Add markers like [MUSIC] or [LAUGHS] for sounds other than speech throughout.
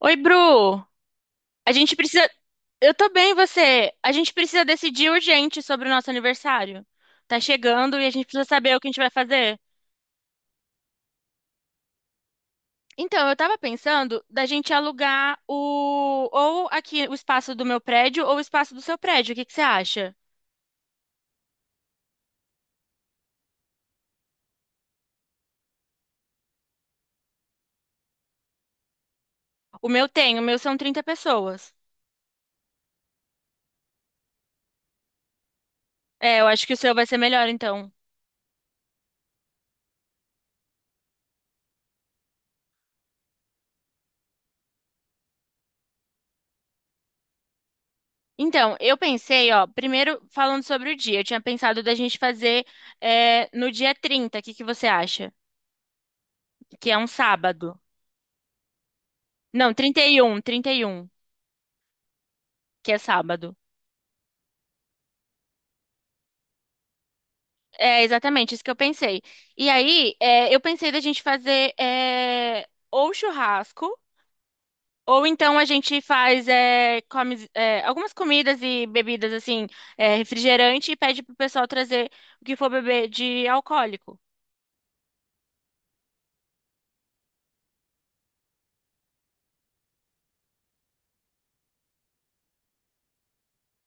Oi, Bru. A gente precisa. Eu tô bem, e você? A gente precisa decidir urgente sobre o nosso aniversário. Tá chegando e a gente precisa saber o que a gente vai fazer. Então, eu tava pensando da gente alugar o ou aqui o espaço do meu prédio ou o espaço do seu prédio. O que que você acha? O meu tem, o meu são 30 pessoas. É, eu acho que o seu vai ser melhor, então. Então, eu pensei, ó, primeiro falando sobre o dia, eu tinha pensado da gente fazer no dia 30. O que que você acha? Que é um sábado. Não, trinta e um, que é sábado. É exatamente isso que eu pensei. E aí, eu pensei da gente fazer ou churrasco, ou então a gente faz algumas comidas e bebidas, assim, refrigerante, e pede pro pessoal trazer o que for beber de alcoólico.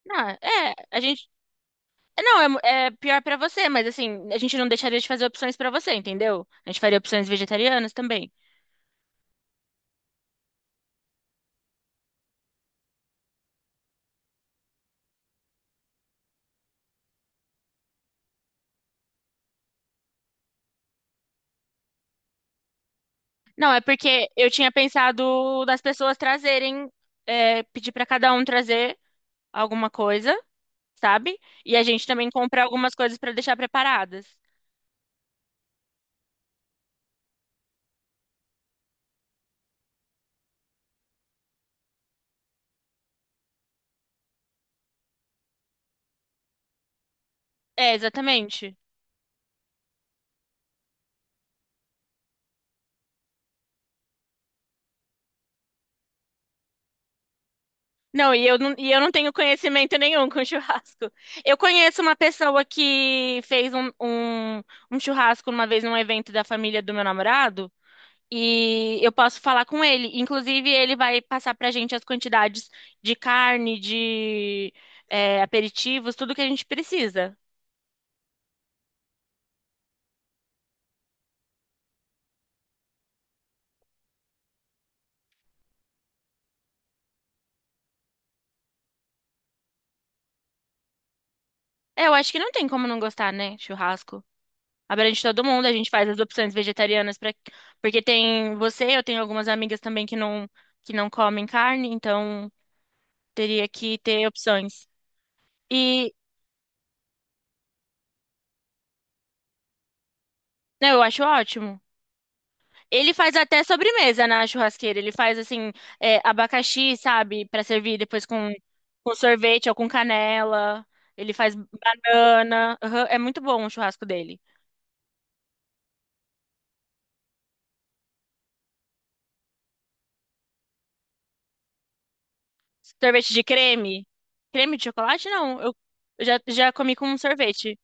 Não, é, a gente. Não, é pior pra você, mas assim, a gente não deixaria de fazer opções pra você, entendeu? A gente faria opções vegetarianas também. Não, é porque eu tinha pensado das pessoas trazerem, pedir pra cada um trazer alguma coisa, sabe? E a gente também comprar algumas coisas pra deixar preparadas. É, exatamente. Não, e eu não tenho conhecimento nenhum com [LAUGHS] churrasco. Eu conheço uma pessoa que fez um churrasco uma vez num evento da família do meu namorado. E eu posso falar com ele. Inclusive, ele vai passar pra gente as quantidades de carne, de aperitivos, tudo que a gente precisa. É, eu acho que não tem como não gostar, né? Churrasco. Abrange todo mundo, a gente faz as opções vegetarianas para porque tem você, eu tenho algumas amigas também que não comem carne, então teria que ter opções. E não, eu acho ótimo. Ele faz até sobremesa na churrasqueira. Ele faz assim, abacaxi, sabe, pra servir depois com sorvete ou com canela. Ele faz banana. Aham, é muito bom o churrasco dele. Sorvete de creme? Creme de chocolate? Não, eu já comi com um sorvete.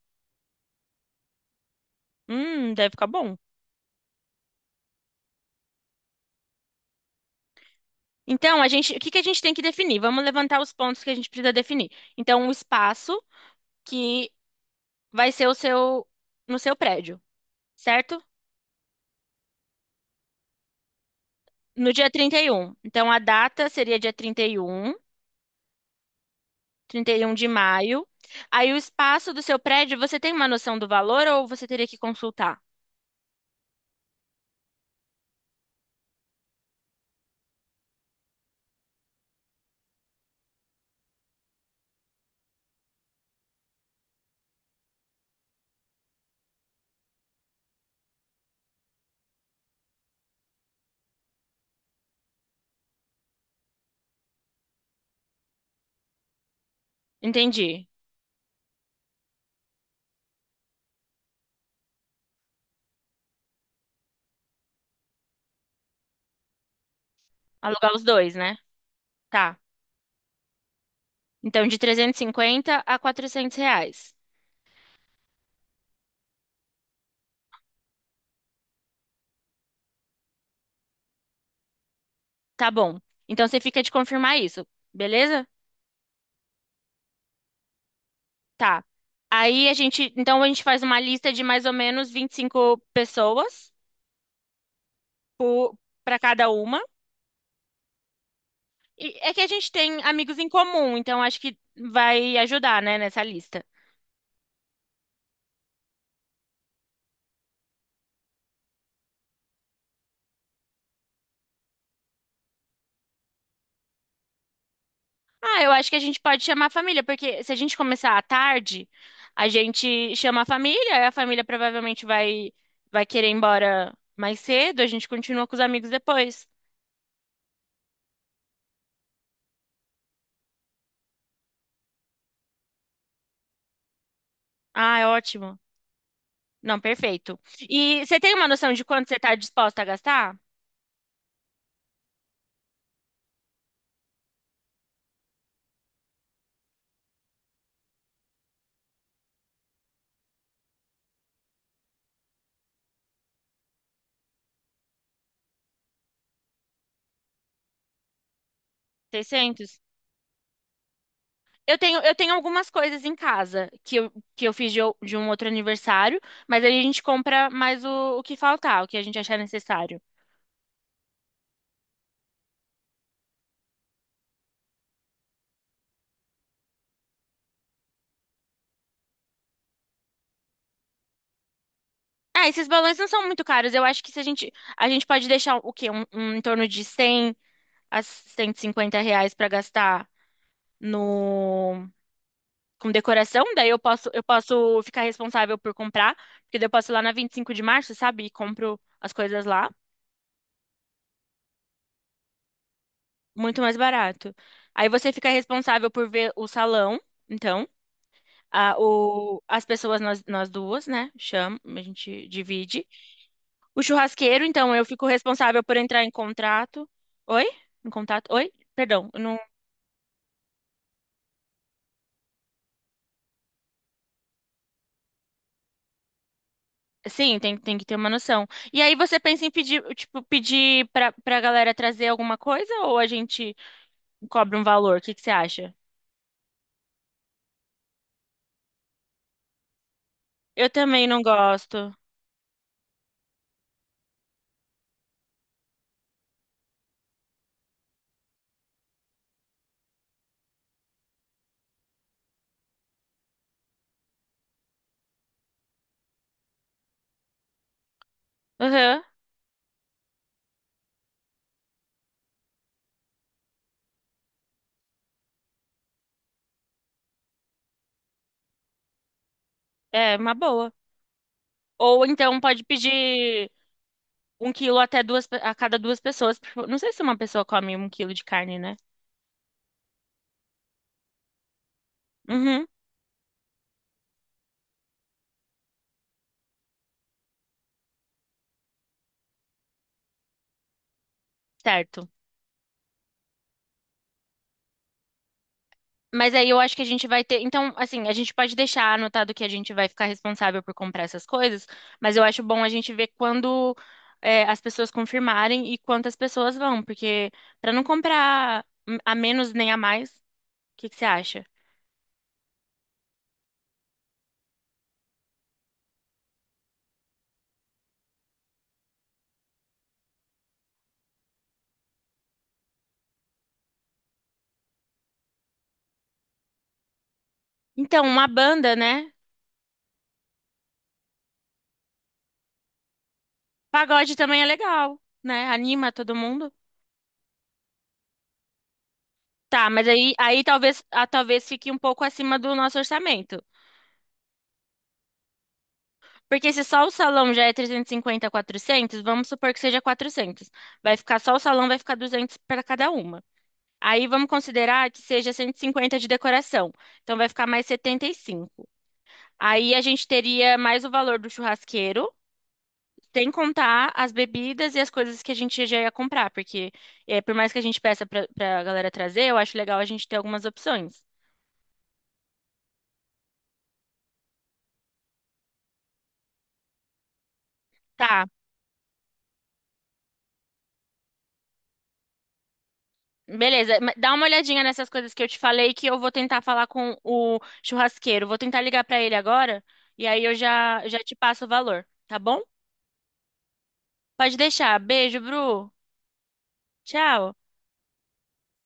Deve ficar bom. Então, a gente, o que que a gente tem que definir? Vamos levantar os pontos que a gente precisa definir. Então, o espaço que vai ser o seu no seu prédio, certo? No dia trinta e um. Então, a data seria dia trinta e um de maio. Aí, o espaço do seu prédio, você tem uma noção do valor ou você teria que consultar? Entendi. Alugar os dois, né? Tá. Então, de 350 a 400 reais. Tá bom. Então, você fica de confirmar isso, beleza? Tá. Aí, a gente... Então, a gente faz uma lista de mais ou menos 25 pessoas para cada uma. E é que a gente tem amigos em comum, então acho que vai ajudar, né, nessa lista. Ah, eu acho que a gente pode chamar a família, porque se a gente começar à tarde, a gente chama a família provavelmente vai querer ir embora mais cedo, a gente continua com os amigos depois. Ah, é ótimo. Não, perfeito. E você tem uma noção de quanto você está disposta a gastar? Seiscentos. Eu tenho algumas coisas em casa que eu fiz de, o- de um outro aniversário, mas aí a gente compra mais o que faltar, o que a gente achar necessário. Ah, esses balões não são muito caros. Eu acho que se a gente, a gente pode deixar o quê? Um em torno de 100 a 150 reais para gastar no com decoração. Daí eu posso ficar responsável por comprar, porque daí eu posso ir lá na 25 de março, sabe? E compro as coisas lá, muito mais barato. Aí você fica responsável por ver o salão, então, as pessoas nós duas, né? Chama, a gente divide. O churrasqueiro, então, eu fico responsável por entrar em contrato. Oi? Em contato? Oi? Perdão, eu não... Sim, tem, tem que ter uma noção. E aí você pensa em pedir, tipo, pedir pra galera trazer alguma coisa ou a gente cobra um valor? O que que você acha? Eu também não gosto. Aham, é uma boa. Ou então pode pedir um quilo até duas, pe- a cada duas pessoas. Porque não sei se uma pessoa come um quilo de carne, né? Uhum, certo. Mas aí eu acho que a gente vai ter. Então, assim, a gente pode deixar anotado que a gente vai ficar responsável por comprar essas coisas, mas eu acho bom a gente ver quando as pessoas confirmarem e quantas pessoas vão, porque para não comprar a menos nem a mais, o que que você acha? Então, uma banda, né? Pagode também é legal, né? Anima todo mundo. Tá, mas aí, aí talvez, ah, talvez fique um pouco acima do nosso orçamento. Porque se só o salão já é 350, 400, vamos supor que seja 400. Vai ficar só o salão, vai ficar 200 para cada uma. Aí vamos considerar que seja 150 de decoração. Então vai ficar mais 75. Aí a gente teria mais o valor do churrasqueiro, sem contar as bebidas e as coisas que a gente já ia comprar, porque é, por mais que a gente peça para a galera trazer, eu acho legal a gente ter algumas opções. Tá, beleza, dá uma olhadinha nessas coisas que eu te falei que eu vou tentar falar com o churrasqueiro. Vou tentar ligar pra ele agora e aí eu já te passo o valor, tá bom? Pode deixar. Beijo, Bru. Tchau.